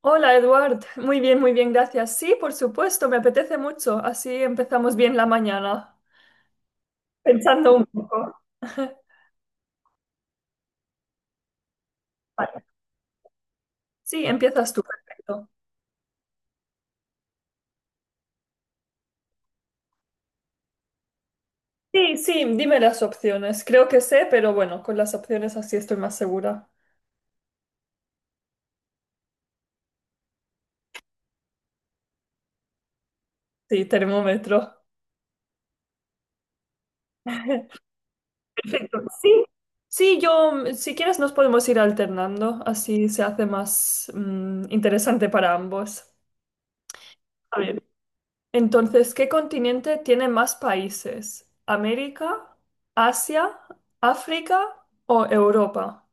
Hola, Eduard. Muy bien, gracias. Sí, por supuesto, me apetece mucho. Así empezamos bien la mañana, pensando un poco. Vale. Sí, empiezas tú, perfecto. Sí, sí, dime las opciones. Creo que sé, pero bueno, con las opciones así estoy más segura. Sí, termómetro. Perfecto. Sí, sí, yo, si quieres nos podemos ir alternando, así se hace más interesante para ambos. A ver. Entonces, ¿qué continente tiene más países? ¿América, Asia, África o Europa?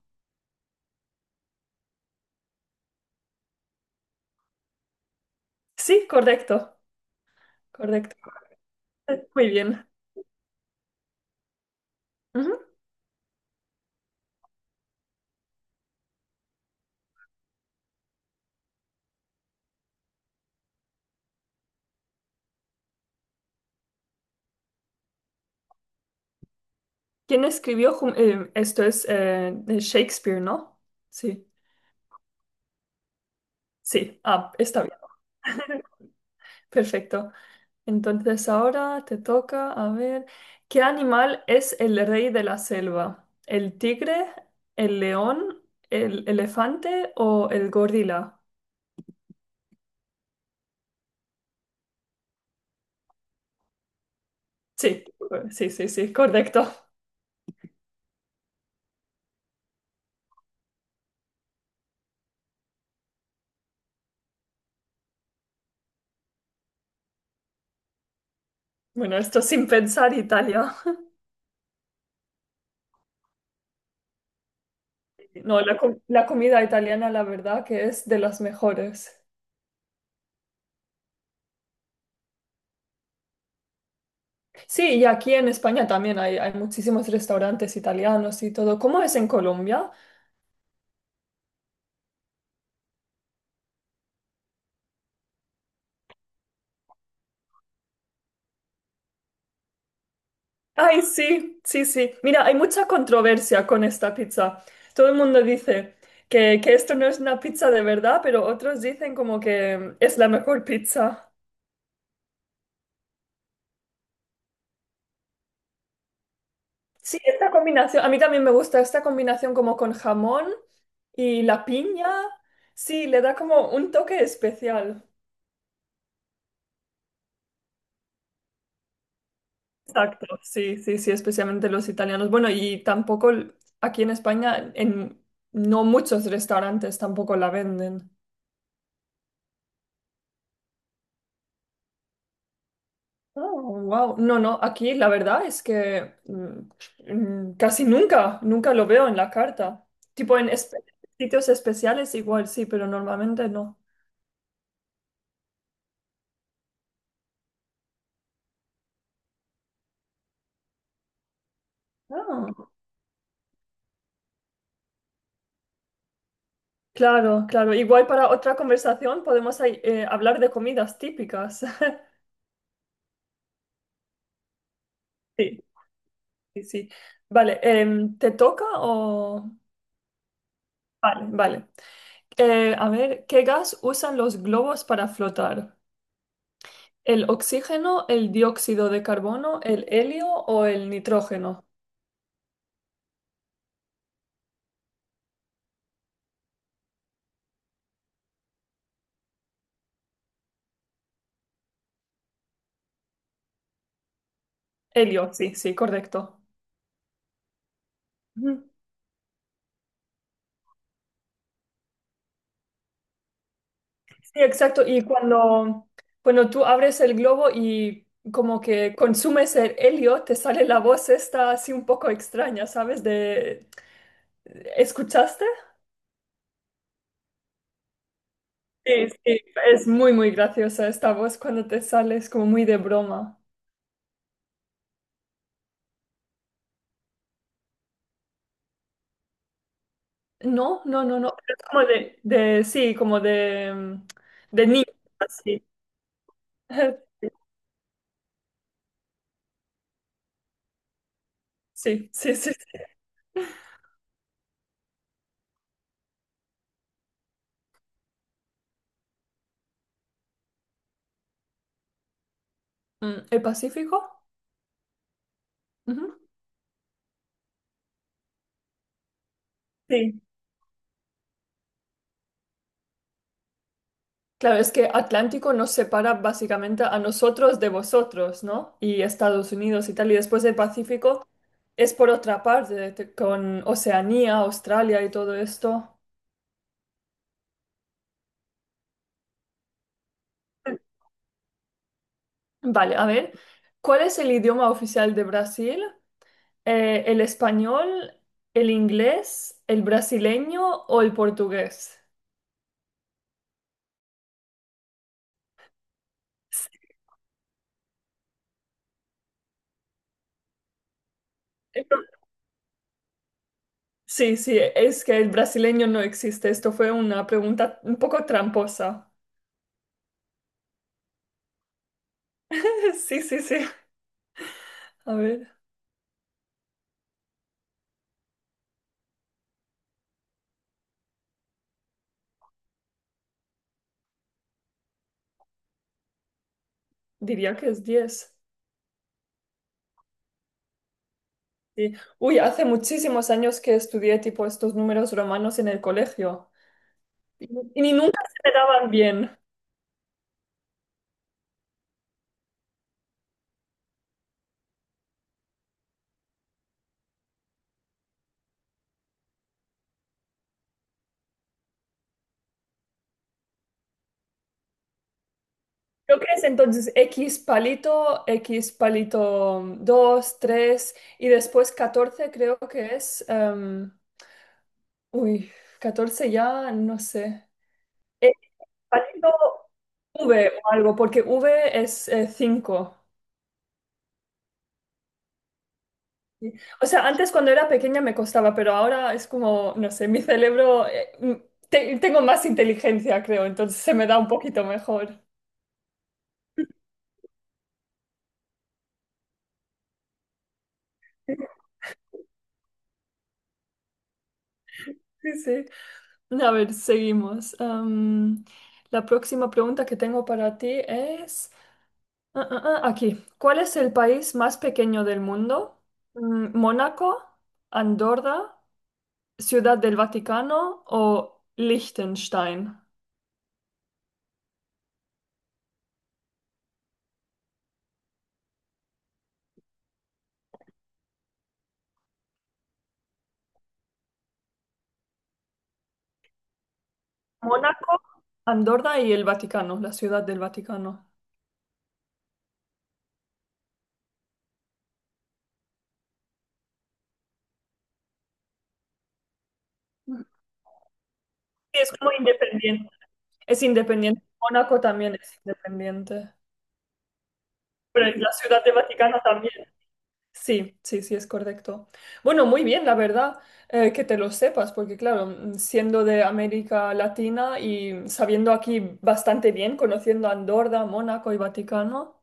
Sí, correcto, correcto. Muy bien. Ujú. ¿Quién escribió esto es de Shakespeare, ¿no? Sí, sí. Ah, está bien. Perfecto. Entonces ahora te toca, a ver, ¿qué animal es el rey de la selva? ¿El tigre, el león, el elefante o el gorila? Sí, sí, sí, sí, correcto. Bueno, esto sin pensar Italia. No, la, la comida italiana, la verdad, que es de las mejores. Sí, y aquí en España también hay muchísimos restaurantes italianos y todo. ¿Cómo es en Colombia? Ay, sí, sí, sí. Mira, hay mucha controversia con esta pizza. Todo el mundo dice que esto no es una pizza de verdad, pero otros dicen como que es la mejor pizza. Sí, esta combinación, a mí también me gusta esta combinación como con jamón y la piña. Sí, le da como un toque especial. Exacto, sí, sí, sí, especialmente los italianos. Bueno, y tampoco aquí en España, en no muchos restaurantes tampoco la venden. Oh, wow. No, no, aquí la verdad es que casi nunca, nunca lo veo en la carta. Tipo en sitios especiales igual, sí, pero normalmente no. Claro, claro. Igual para otra conversación podemos ahí, hablar de comidas típicas. Sí, sí, sí. Vale, ¿te toca o...? Vale, vale. A ver, ¿qué gas usan los globos para flotar? ¿El oxígeno, el dióxido de carbono, el helio o el nitrógeno? Helio, sí, sí, correcto. Sí, exacto. Y cuando tú abres el globo y como que consumes el helio, te sale la voz esta así un poco extraña, ¿sabes? De... ¿Escuchaste? Sí, sí. Es muy, muy graciosa esta voz cuando te sale, es como muy de broma. No, no, no, no. Pero es como de sí, como de, de niño, así. Sí, sí, sí. Sí. ¿El Pacífico? Ujú. Sí. Claro, es que Atlántico nos separa básicamente a nosotros de vosotros, ¿no? Y Estados Unidos y tal. Y después el Pacífico es por otra parte, con Oceanía, Australia y todo esto. Vale, a ver, ¿cuál es el idioma oficial de Brasil? ¿El español, el inglés, el brasileño o el portugués? Esto- Sí, sí, es que el brasileño no existe. Esto fue una pregunta un poco tramposa. Sí, sí, sí. A ver. Diría que es 10. Sí. Uy, hace muchísimos años que estudié tipo estos números romanos en el colegio y, y ni nunca se me daban bien. Creo que es entonces X palito 2 3 y después 14 creo que es... uy, 14 ya no sé. X palito V o algo, porque V es cinco. Sí. O sea, antes cuando era pequeña me costaba, pero ahora es como, no sé, mi cerebro, tengo más inteligencia, creo, entonces se me da un poquito mejor. Sí, sí. Sí. A ver, seguimos. La próxima pregunta que tengo para ti es, aquí, ¿cuál es el país más pequeño del mundo? ¿Mónaco, Andorra, Ciudad del Vaticano o Liechtenstein? Mónaco, Andorra y el Vaticano, la Ciudad del Vaticano. Sí, es como independiente. Es independiente. Mónaco también es independiente. Pero la Ciudad de Vaticano también. Sí, sí, sí, es correcto. Bueno, muy bien, la verdad, que te lo sepas, porque claro, siendo de América Latina y sabiendo aquí bastante bien, conociendo Andorra, Mónaco y Vaticano.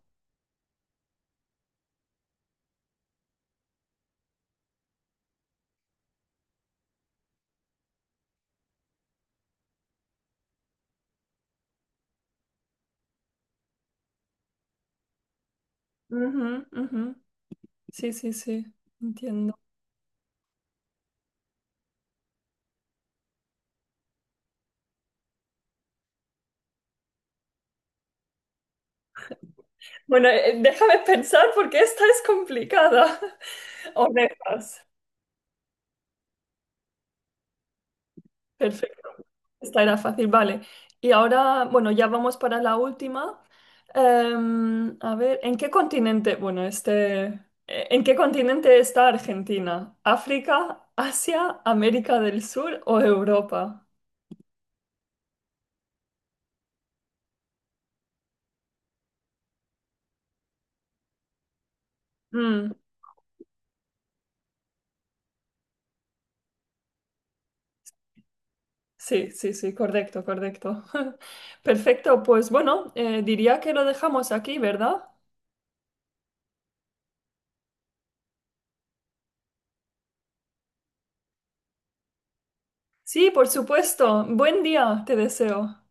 Ujú, ujú. Sí, sí, sí, entiendo. Bueno, déjame pensar porque esta es complicada. Orejas. Perfecto. Esta era fácil, vale. Y ahora, bueno, ya vamos para la última. A ver, ¿en qué continente? Bueno, este, ¿en qué continente está Argentina? ¿África, Asia, América del Sur o Europa? Mm, sí, sí, sí, correcto, correcto. Perfecto, pues bueno, diría que lo dejamos aquí, ¿verdad? Sí, por supuesto. Buen día, te deseo.